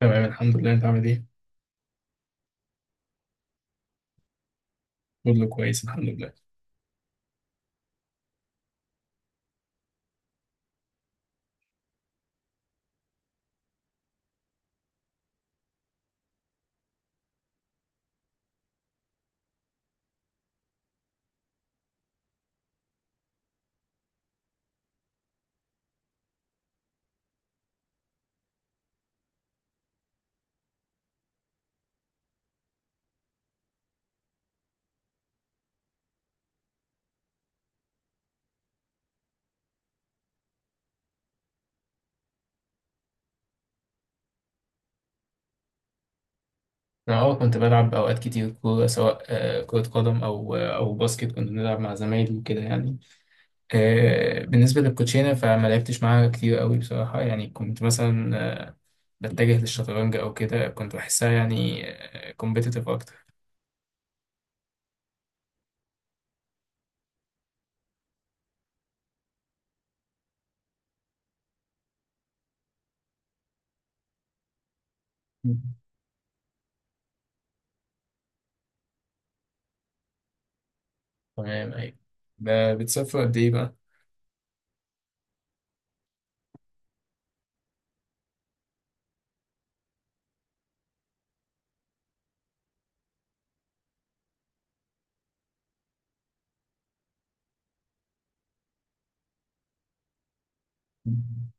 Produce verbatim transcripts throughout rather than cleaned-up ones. تمام، الحمد لله. انت عامل ايه؟ كله كويس، الحمد لله. انا اه كنت بلعب اوقات كتير كورة، سواء آه، كرة قدم، او آه، او باسكت. كنت بنلعب مع زمايلي وكده يعني. آه، بالنسبة للكوتشينة، فما لعبتش معاها كتير قوي بصراحة. يعني كنت مثلا آه، بتجه للشطرنج او كده. كنت بحسها يعني كومبيتيتيف اكتر. مم. تمام، ايوه. ب- بتسافر قد ايه بقى؟ مم.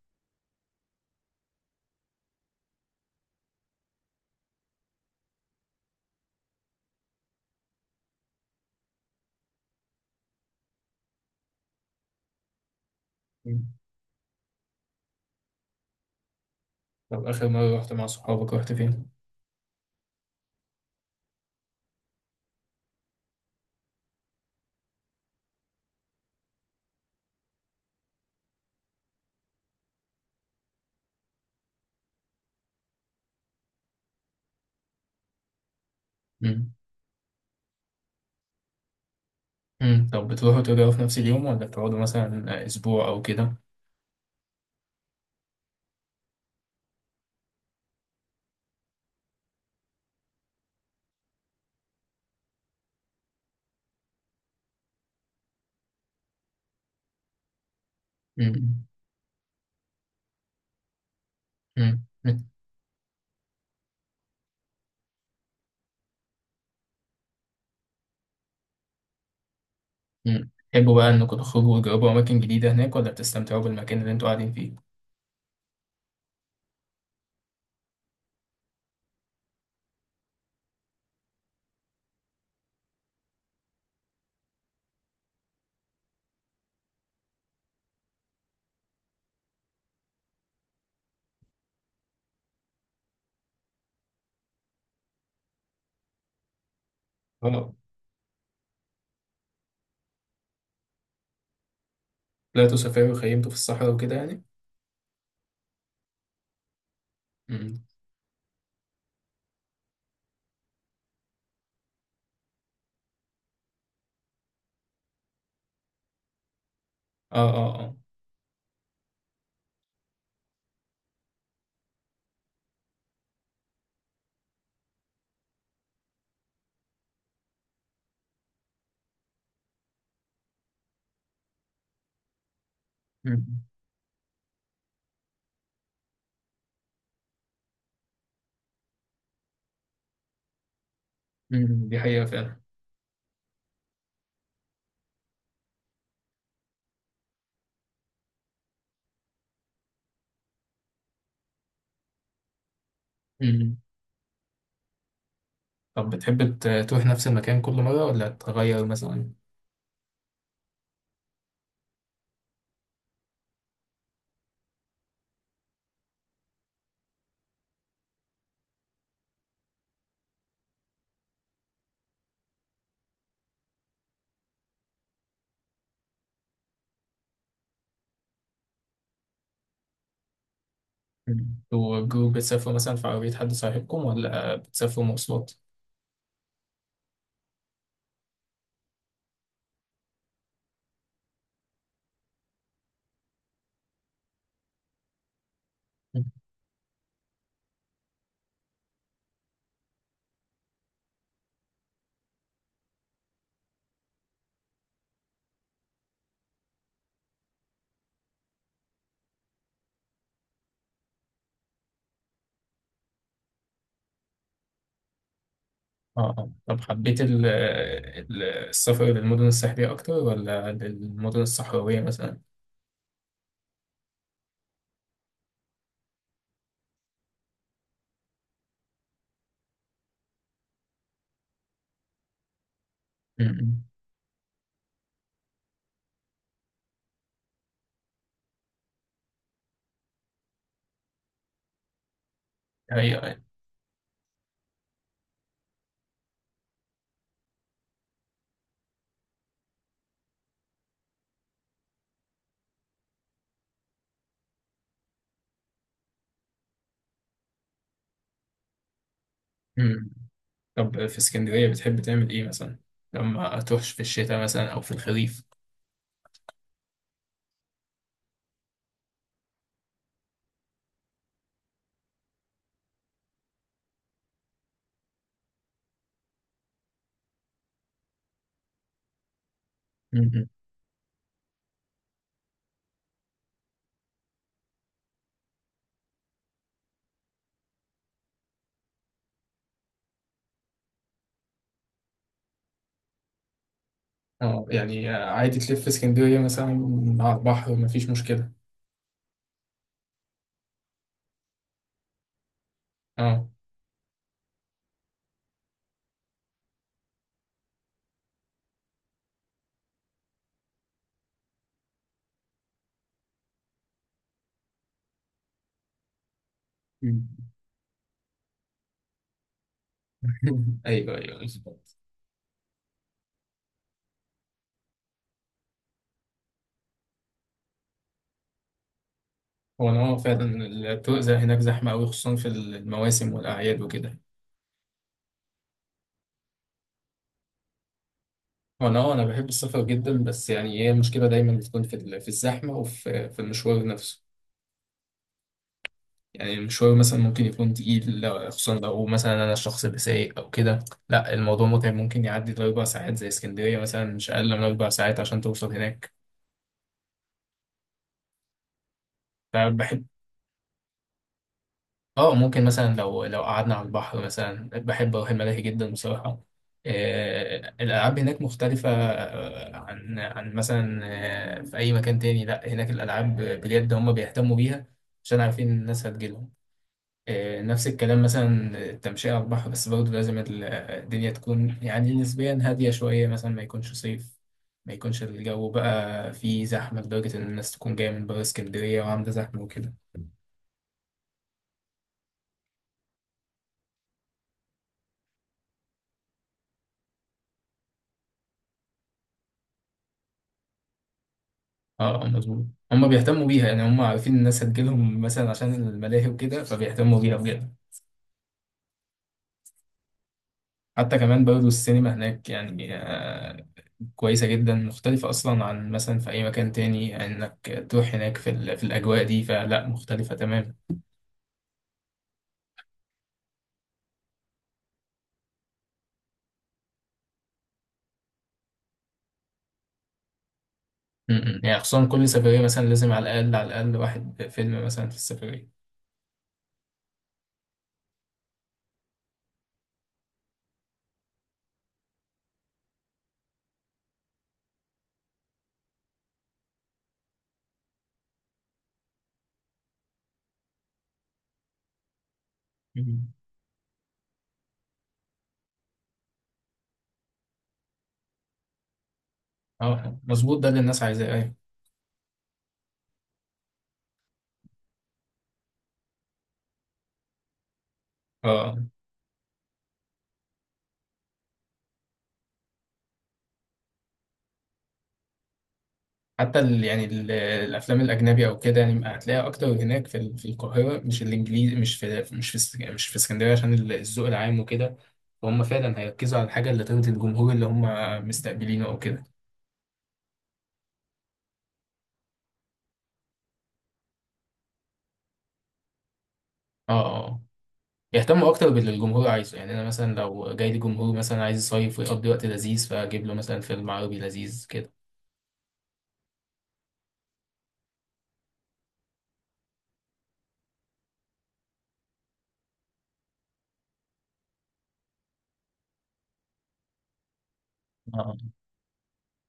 مم. طب، اخر مرة رحت مع صحابك، رحت فين؟ مم. مم. طب، بتروحوا ترجعوا في نفس اليوم، ولا بتقعدوا مثلا اسبوع او كده؟ مم. مم. مم. تحبوا بقى انكم تخرجوا وتجربوا اماكن جديدة هناك، ولا بتستمتعوا بالمكان اللي انتوا قاعدين فيه؟ اه، طلعتوا سفاري وخيمتوا في الصحراء وكده يعني؟ مم. اه، اه، اه. مم. مم. دي حقيقة فعلا. مم. طب، بتحب ت- تروح نفس المكان كل مرة، ولا تغير مثلا؟ مم. انتوا جروب بتسافروا مثلا في عربية حد صاحبكم، ولا بتسافروا مواصلات؟ مم. اه، اه، طب، حبيت ال- ال- السفر للمدن الساحلية أكتر، ولا للمدن الصحراوية مثلا؟ مم. مم. دي حقيقة يعني. مم. طب، في اسكندرية بتحب تعمل إيه مثلا؟ لما تروحش في الشتاء مثلا، أو في الخريف؟ مم. اه، يعني عادي تلف في اسكندرية مثلا على البحر، مفيش مشكلة. اه. مم. أيوه، أيوه، بالظبط. هو أنا اه فعلا. الطرق زي هناك زحمة أوي، خصوصا في المواسم والأعياد وكده. هو أنا اه أنا بحب السفر جدا، بس يعني هي المشكلة دايما بتكون في ال- في الزحمة، وفي في المشوار نفسه. يعني المشوار مثلا ممكن يكون تقيل، لو- خصوصا لو مثلا انا الشخص اللي سايق او كده. لا، الموضوع متعب، ممكن يعدي لاربع ساعات زي اسكندريه مثلا. مش اقل من اربع ساعات عشان توصل هناك. فبحب، اه ممكن مثلا لو لو قعدنا على البحر مثلا بحب اروح الملاهي جدا بصراحه. آه الالعاب هناك مختلفه، آه، عن عن مثلا آه، في اي مكان تاني. لا، هناك الالعاب بجد هم بيهتموا بيها عشان عارفين الناس هتجيلهم. آه، نفس الكلام مثلا التمشية على البحر، بس برضه لازم ال- الدنيا تكون يعني نسبيا هادية شوية، مثلا ما يكونش صيف. ما يكونش الجو بقى فيه زحمة لدرجة إن الناس تكون جاية من بره اسكندرية وعاملة زحمة وكده. اه، آه، مظبوط. هما بيهتموا بيها، يعني هما عارفين الناس هتجيلهم مثلا عشان الملاهي وكده فبيهتموا بيها بجد. حتى كمان برضه السينما هناك يعني آه، كويسة جدا، مختلفة أصلا عن مثلا في أي مكان تاني. يعني إنك تروح هناك في, ال- في الأجواء دي فلا مختلفة تماما. م-م. يعني خصوصا كل سفرية مثلا لازم على الأقل، على الأقل واحد فيلم مثلا في السفرية. مم. اه، مظبوط ده اللي الناس عايزاه، أيوة. اه، حتى ال يعني ال الأفلام الأجنبي أو كده يعني هتلاقيها أكتر هناك في ال- في القاهرة. مش الإنجليزي، مش في مش في اسك- مش في اسكندرية، عشان ال- الذوق العام وكده. فهم فعلا هيركزوا على الحاجة اللي ترضي الجمهور اللي هم مستقبلينه أو كده. اه، اه، اه. يهتموا أكتر باللي الجمهور عايزه. يعني أنا مثلا لو جاي لي جمهور مثلا عايز يصيف ويقضي وقت لذيذ، فأجيب له مثلا فيلم عربي لذيذ كده.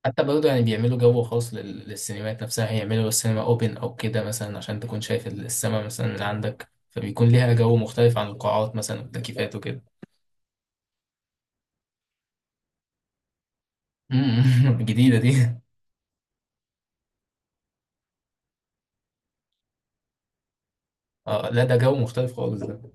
حتى برضه يعني بيعملوا جو خاص لل- للسينمات نفسها، هيعملوا السينما اوبن او كده مثلا، عشان تكون شايف السما مثلا من عندك، فبيكون ليها جو مختلف عن القاعات مثلا والتكييفات وكده. أمم، جديدة دي. اه، لا ده جو مختلف خالص ده.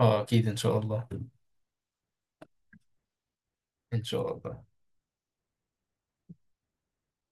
اه، اكيد ان شاء الله. ان شاء الله.